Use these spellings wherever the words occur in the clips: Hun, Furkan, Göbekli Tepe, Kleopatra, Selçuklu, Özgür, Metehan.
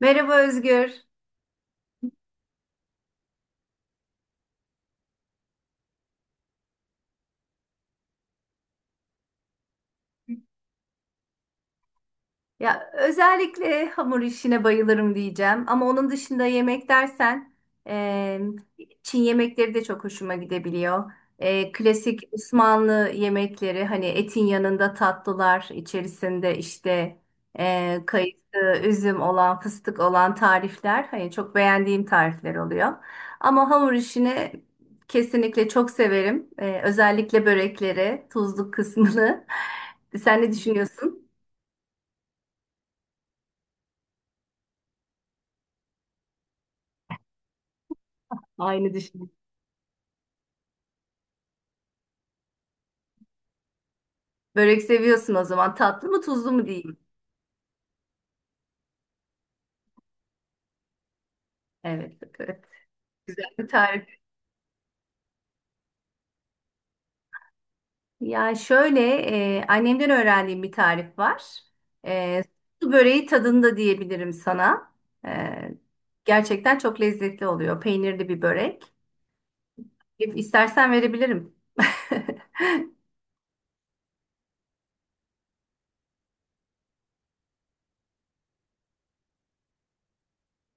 Merhaba Özgür. Ya özellikle hamur işine bayılırım diyeceğim. Ama onun dışında yemek dersen e, Çin yemekleri de çok hoşuma gidebiliyor. Klasik Osmanlı yemekleri hani etin yanında tatlılar içerisinde işte kayısı, üzüm olan, fıstık olan tarifler hani çok beğendiğim tarifler oluyor. Ama hamur işini kesinlikle çok severim. Özellikle börekleri, tuzluk kısmını. Sen ne düşünüyorsun? Aynı düşünüyorum. Börek seviyorsun o zaman. Tatlı mı tuzlu mu diyeyim. Evet, evet. Güzel bir tarif. Yani şöyle annemden öğrendiğim bir tarif var. E, Su böreği tadında diyebilirim sana. E, Gerçekten çok lezzetli oluyor. Peynirli bir börek. İstersen verebilirim.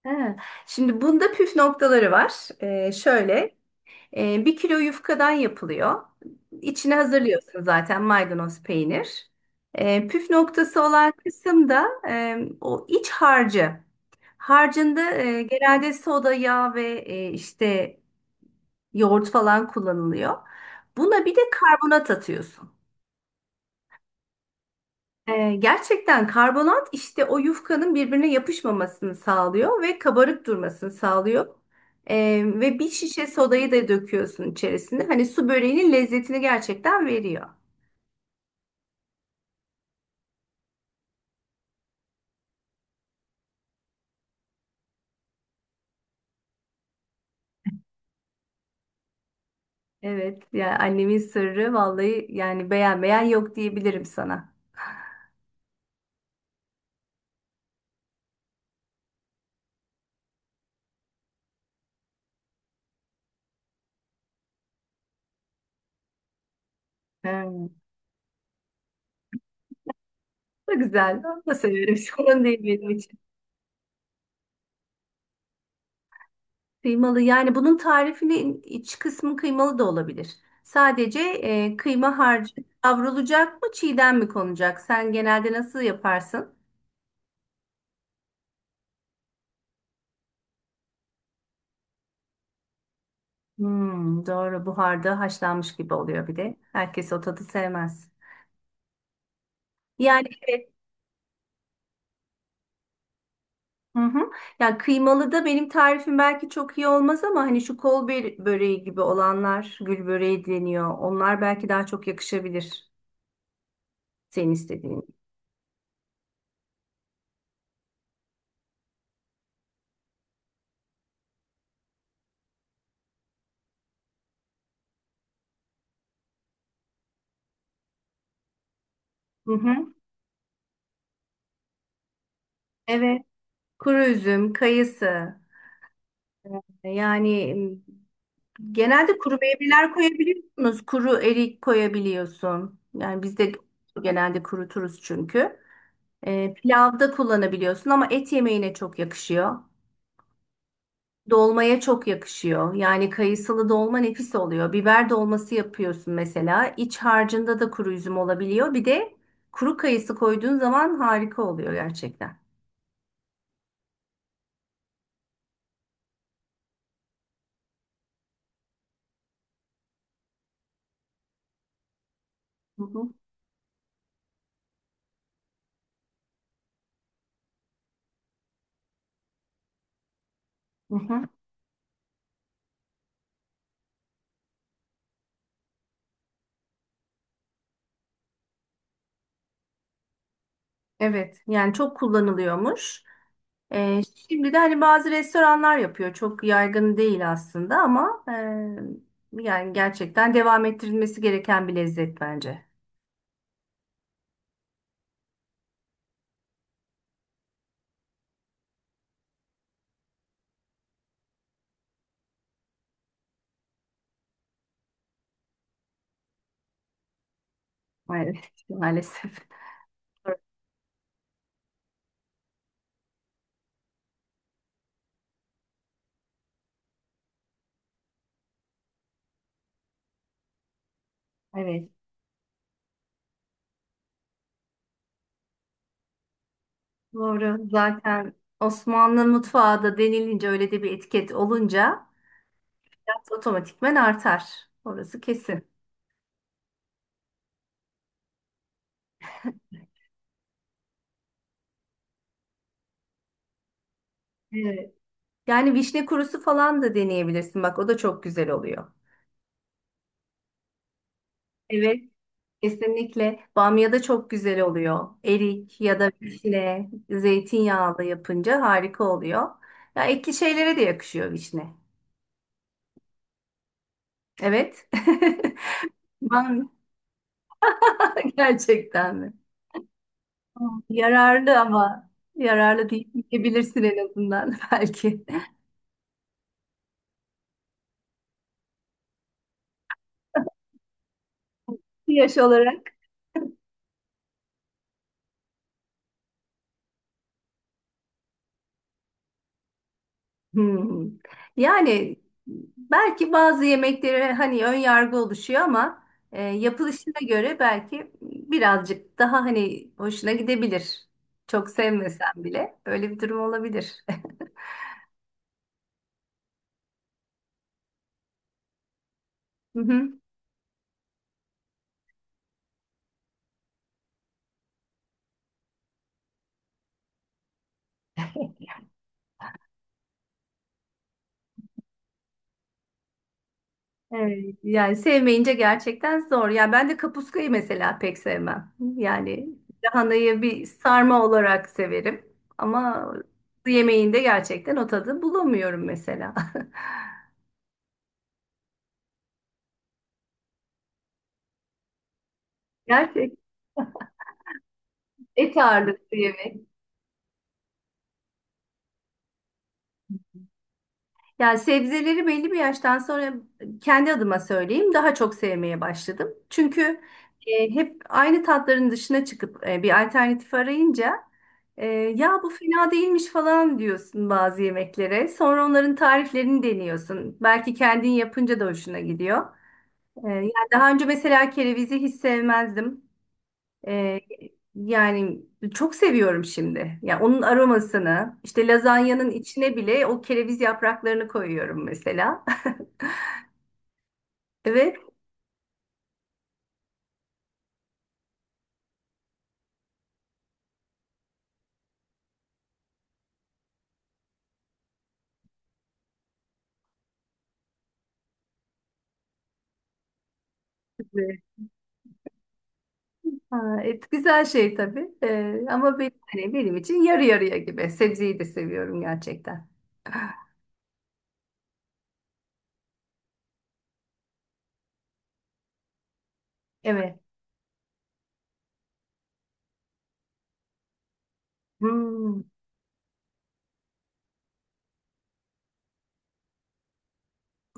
Ha, Şimdi bunda püf noktaları var. E, şöyle. 1 kilo yufkadan yapılıyor. İçine hazırlıyorsun zaten maydanoz peynir. Püf noktası olan kısım da o iç harcı. Harcında genelde soda, yağ ve işte yoğurt falan kullanılıyor. Buna bir de karbonat atıyorsun. Gerçekten karbonat işte o yufkanın birbirine yapışmamasını sağlıyor ve kabarık durmasını sağlıyor. Ve bir şişe sodayı da döküyorsun içerisine. Hani su böreğinin lezzetini gerçekten veriyor. Evet, yani annemin sırrı vallahi yani beğenmeyen yok diyebilirim sana. Evet. Çok güzel. Ben de severim. Sorun değil benim için. Kıymalı yani bunun tarifinin iç kısmı kıymalı da olabilir. Sadece kıyma harcı kavrulacak mı çiğden mi konacak? Sen genelde nasıl yaparsın? Hmm, doğru, buharda haşlanmış gibi oluyor bir de. Herkes o tadı sevmez. Yani evet. Hı hı. Yani kıymalı da benim tarifim belki çok iyi olmaz ama hani şu böreği gibi olanlar, gül böreği deniyor. Onlar belki daha çok yakışabilir. Senin istediğin. Hı hı. Evet. Kuru üzüm, kayısı. Ee, Yani m, genelde kuru meyveler koyabiliyorsunuz. Kuru erik koyabiliyorsun. Yani biz de genelde kuruturuz çünkü. Pilavda kullanabiliyorsun ama et yemeğine çok yakışıyor. Dolmaya çok yakışıyor. Yani kayısılı dolma nefis oluyor. Biber dolması yapıyorsun mesela. İç harcında da kuru üzüm olabiliyor. Bir de kuru kayısı koyduğun zaman harika oluyor gerçekten. Hı hı. Hı hı. Evet, yani çok kullanılıyormuş. Ee, Şimdi de hani bazı restoranlar yapıyor. Çok yaygın değil aslında ama yani gerçekten devam ettirilmesi gereken bir lezzet bence. Maalesef. Maalesef. Evet. Doğru. Zaten Osmanlı mutfağı da denilince öyle de bir etiket olunca biraz otomatikmen artar. Orası kesin. Evet. Yani vişne kurusu falan da deneyebilirsin. Bak o da çok güzel oluyor. Evet. Kesinlikle. Bamya da çok güzel oluyor. Erik ya da vişne, zeytinyağlı yapınca harika oluyor. Ya ekli şeylere de yakışıyor vişne. Evet. Bamya gerçekten mi? Tamam. Yararlı ama yararlı değil diyebilirsin en azından belki. Yaş olarak. Hmm. Yani belki bazı yemeklere hani ön yargı oluşuyor ama yapılışına göre belki birazcık daha hani hoşuna gidebilir. Çok sevmesen bile öyle bir durum olabilir. Evet, yani sevmeyince gerçekten zor. Yani ben de kapuskayı mesela pek sevmem. Yani lahanayı bir sarma olarak severim ama yemeğinde gerçekten o tadı bulamıyorum mesela. Gerçek et ağırlıklı yemek. Yani sebzeleri belli bir yaştan sonra kendi adıma söyleyeyim daha çok sevmeye başladım. Çünkü hep aynı tatların dışına çıkıp bir alternatif arayınca ya bu fena değilmiş falan diyorsun bazı yemeklere. Sonra onların tariflerini deniyorsun. Belki kendin yapınca da hoşuna gidiyor. Yani daha önce mesela kerevizi hiç sevmezdim. Ee, Yani çok seviyorum şimdi. Ya onun aromasını, işte lazanyanın içine bile o kereviz yapraklarını koyuyorum mesela. Evet. Ha, et güzel şey tabii. Ama benim, hani benim için yarı yarıya gibi. Sebzeyi de seviyorum gerçekten. Evet. Hmm.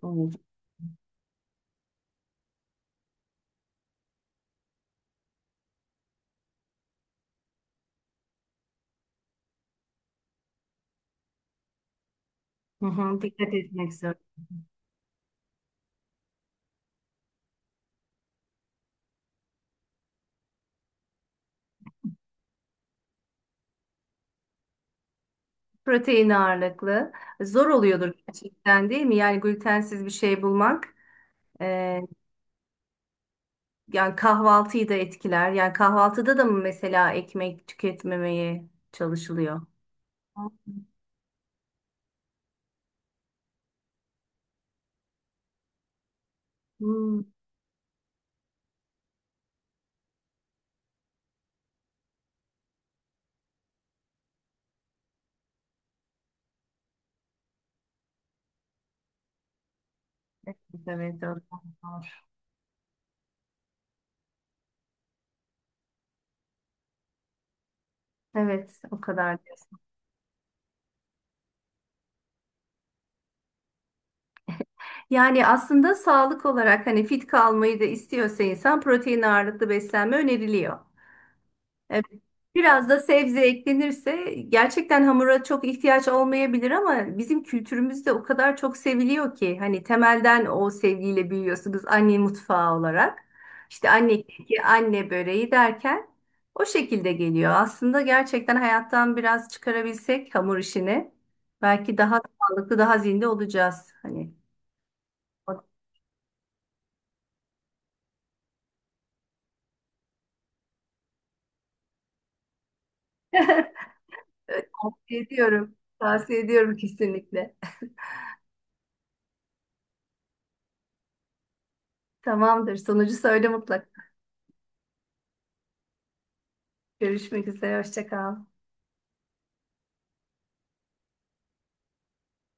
Evet. Hı hı, dikkat etmek zor. Protein ağırlıklı. Zor oluyordur gerçekten değil mi? Yani glutensiz bir şey bulmak. Yani kahvaltıyı da etkiler. Yani kahvaltıda da mı mesela ekmek tüketmemeye çalışılıyor? Hmm, evet, evet, o kadar. Evet, o kadar. Diyorsun. Yani aslında sağlık olarak hani fit kalmayı da istiyorsa insan protein ağırlıklı beslenme öneriliyor. E, Biraz da sebze eklenirse gerçekten hamura çok ihtiyaç olmayabilir ama bizim kültürümüzde o kadar çok seviliyor ki hani temelden o sevgiyle büyüyorsunuz anne mutfağı olarak. İşte anne keki, anne böreği derken o şekilde geliyor. Aslında gerçekten hayattan biraz çıkarabilsek hamur işini belki daha sağlıklı, daha zinde olacağız. Hani o- evet, tavsiye ediyorum. Tavsiye ediyorum kesinlikle. Tamamdır. Sonucu söyle mutlak. Görüşmek üzere. Hoşça kal.